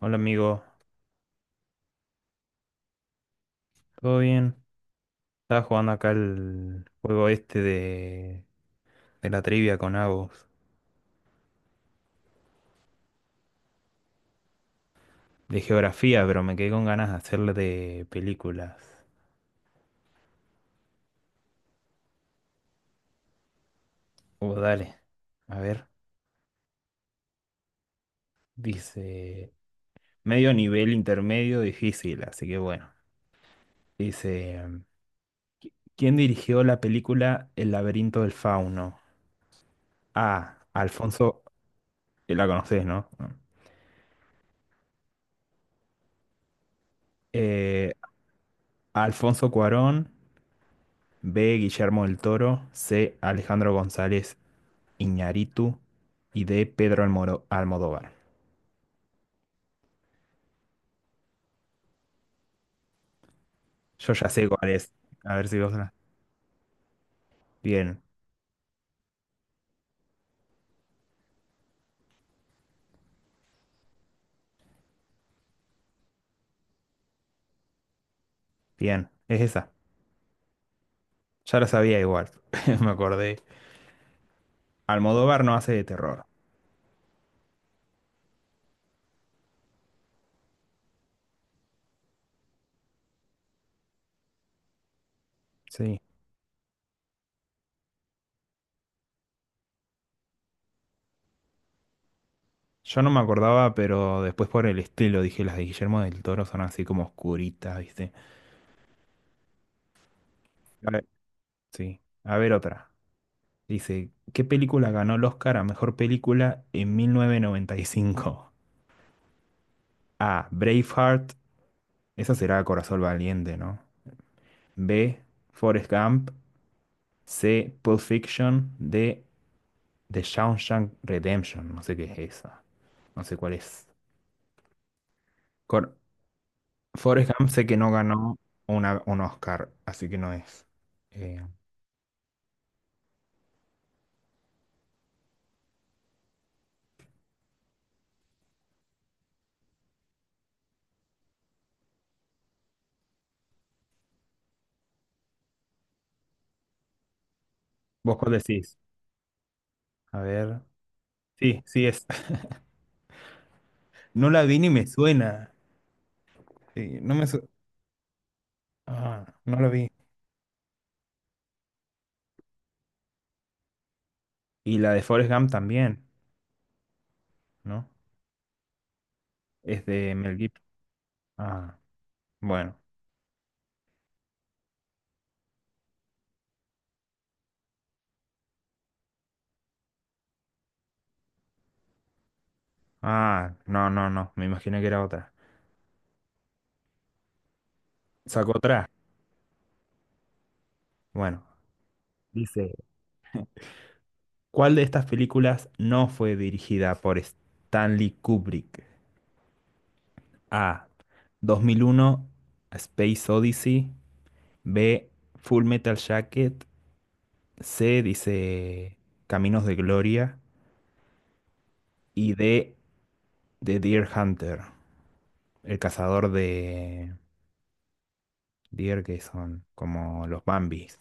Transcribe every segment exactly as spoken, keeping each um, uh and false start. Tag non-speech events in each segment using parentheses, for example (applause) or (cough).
Hola amigo, ¿todo bien? Estaba jugando acá el juego este de, de la trivia con Agus, de geografía, pero me quedé con ganas de hacerle de películas. Oh, dale. A ver, dice medio nivel intermedio difícil, así que bueno. Dice, ¿quién dirigió la película El laberinto del fauno? A. Alfonso, eh, la conoces, ¿no? Eh, Alfonso Cuarón. B. Guillermo del Toro. C. Alejandro González Iñárritu y de Pedro Almoro- Almodóvar. Yo ya sé cuál es. A ver si vos la... Bien, bien. Es esa. Ya la sabía igual. (laughs) Me acordé. Almodóvar no hace de terror. Sí. Yo no me acordaba, pero después por el estilo dije, las de Guillermo del Toro son así como oscuritas, ¿viste? A ver, sí. A ver otra. Dice, ¿qué película ganó el Oscar a mejor película en mil novecientos noventa y cinco? A. Braveheart. Esa será Corazón Valiente, ¿no? B. Forrest Gump. C. Pulp Fiction. D. The Shawshank Redemption. No sé qué es esa. No sé cuál es. Cor Forrest Gump sé que no ganó una, un Oscar, así que no es. Eh, ¿Vos cuál decís? A ver. Sí, sí es. (laughs) No la vi ni me suena. Sí. no me su- Ah, no la vi. Y la de Forrest Gump también, ¿no? Es de Mel Gibson. Ah, bueno. Ah, no, no, no. Me imaginé que era otra. Sacó otra. Bueno. Dice. ¿Cuál de estas películas no fue dirigida por Stanley Kubrick? A. dos mil uno, A Space Odyssey. B. Full Metal Jacket. C. Dice Caminos de Gloria. Y D. The Deer Hunter, el cazador de deer que son como los Bambis.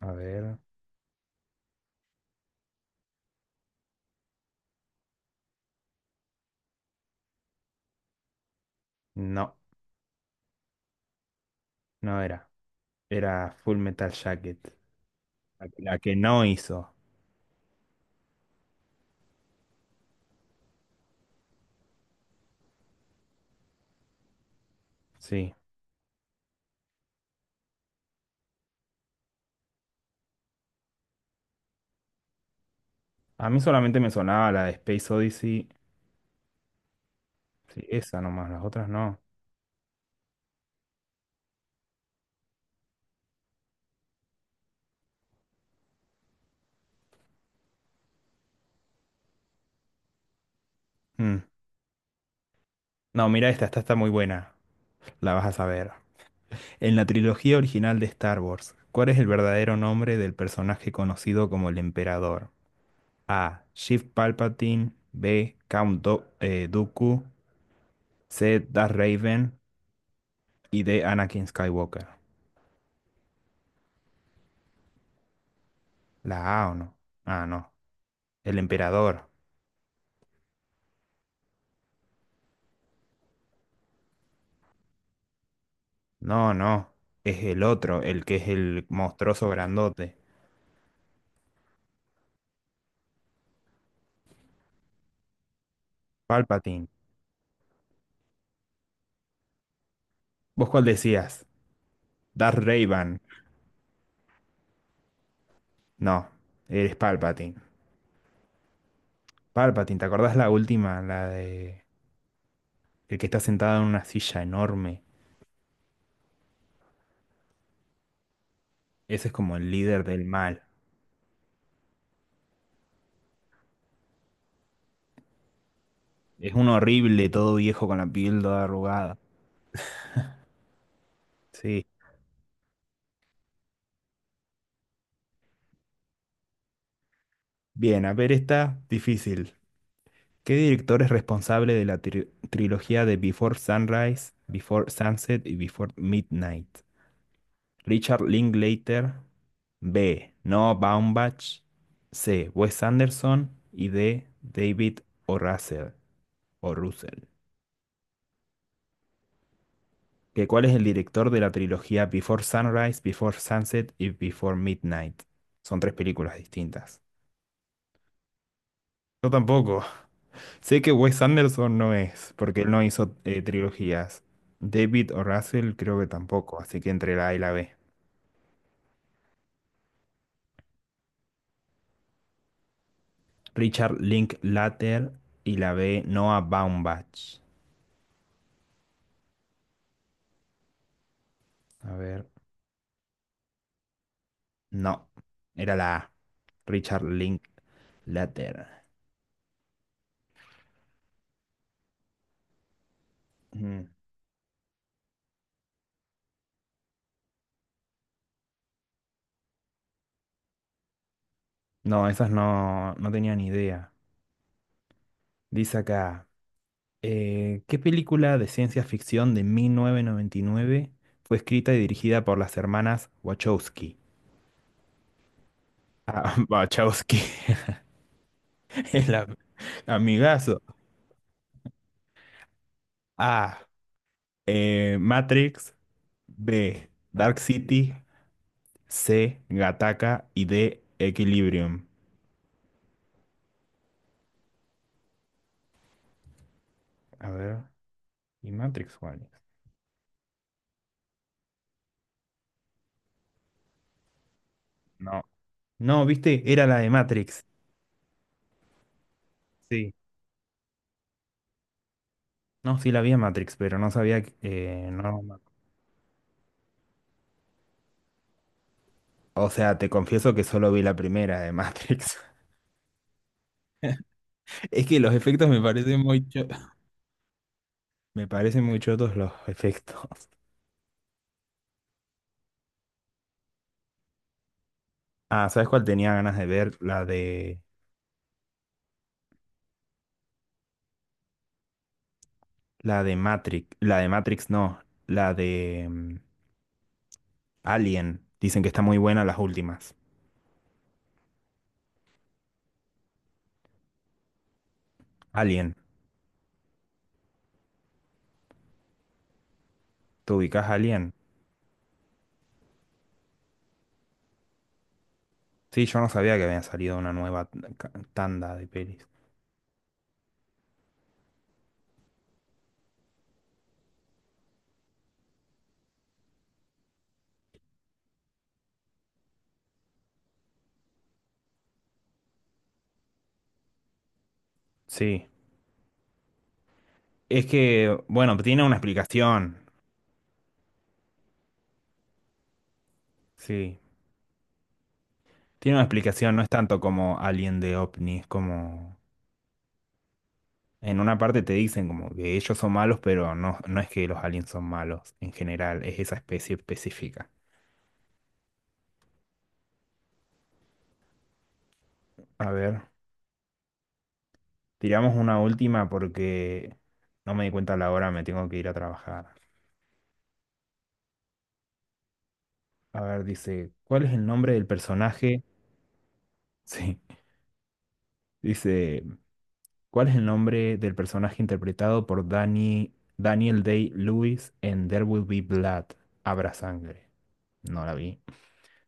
A ver. No, no era. Era Full Metal Jacket. La la que no hizo. Sí. A mí solamente me sonaba la de Space Odyssey. Sí, esa nomás, las otras no. Mm. No, mira esta, esta está muy buena. La vas a saber. En la trilogía original de Star Wars, ¿cuál es el verdadero nombre del personaje conocido como el Emperador? A. Sheev Palpatine. B. Count Do- eh, Dooku. C. Darth Raven. Y D. Anakin Skywalker. ¿La A o no? Ah, no. El Emperador. No, no. Es el otro, el que es el monstruoso grandote. Palpatine. ¿Vos cuál decías? Darth Raven. No, eres Palpatine. Palpatine, ¿te acordás la última? La de el que está sentado en una silla enorme. Ese es como el líder del mal. Es un horrible, todo viejo con la piel toda arrugada. Sí. Bien, a ver, está difícil. ¿Qué director es responsable de la tri- trilogía de Before Sunrise, Before Sunset y Before Midnight? Richard Linklater. B. Noah Baumbach. C. Wes Anderson. Y D. David O. Russell. O Russell, que cuál es el director de la trilogía Before Sunrise, Before Sunset y Before Midnight. Son tres películas distintas. Yo tampoco. Sé que Wes Anderson no es, porque él no hizo eh, trilogías. David o Russell creo que tampoco, así que entre la A y la B. Richard Linklater y la B Noah Baumbach. A ver, no, era la A. Richard Linklater. Mm. No, esas no, no tenía ni idea. Dice acá. Eh, ¿qué película de ciencia ficción de mil novecientos noventa y nueve fue escrita y dirigida por las hermanas Wachowski? Ah, (laughs) Wachowski, (laughs) el am- amigazo. A. eh, Matrix. B. Dark City. C. Gattaca. Y D. Equilibrium. A ver. ¿Y Matrix cuál es? No. No, viste, era la de Matrix. Sí. No, sí la vi a Matrix, pero no sabía que... eh, no. O sea, te confieso que solo vi la primera de Matrix. Es que los efectos me parecen muy cho- (laughs) me parecen muy chotos los efectos. (laughs) Ah, ¿sabes cuál tenía ganas de ver? La de la de Matrix, la de Matrix no, la de mm, Alien. Dicen que está muy buena las últimas. Alien, ¿te ubicás Alien? Sí, yo no sabía que había salido una nueva t- ca- tanda de pelis. Sí, es que bueno, tiene una explicación. Sí, tiene una explicación, no es tanto como Alien de OVNI, es como en una parte te dicen como que ellos son malos, pero no, no es que los aliens son malos en general, es esa especie específica. A ver, tiramos una última porque no me di cuenta la hora, me tengo que ir a trabajar. A ver, dice, ¿cuál es el nombre del personaje? (laughs) Sí, dice, ¿cuál es el nombre del personaje interpretado por Danny, Daniel Day-Lewis en There Will Be Blood? Habrá sangre. No la vi.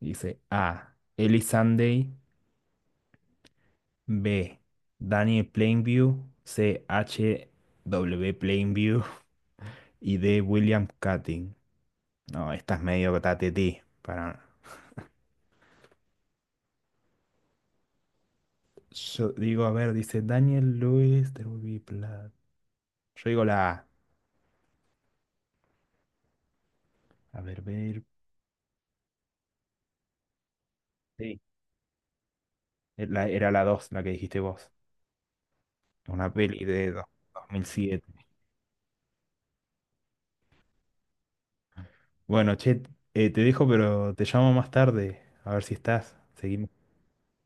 Dice A. Ellie Sunday. B. Daniel Plainview. C. H. W. Plainview. (laughs) Y D. William Cutting. No, esta es medio tatetí. Para... Yo digo, a ver, dice Daniel Lewis, there will be blood. Yo digo la A. A ver, ver. Sí. Es la- Era la dos, la que dijiste vos. Una peli de do- dos mil siete. Bueno, che, eh, te dejo, pero te llamo más tarde. A ver si estás. Seguimos.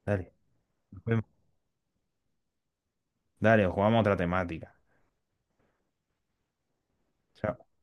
Dale. Nos vemos. Dale, jugamos otra temática. Chao.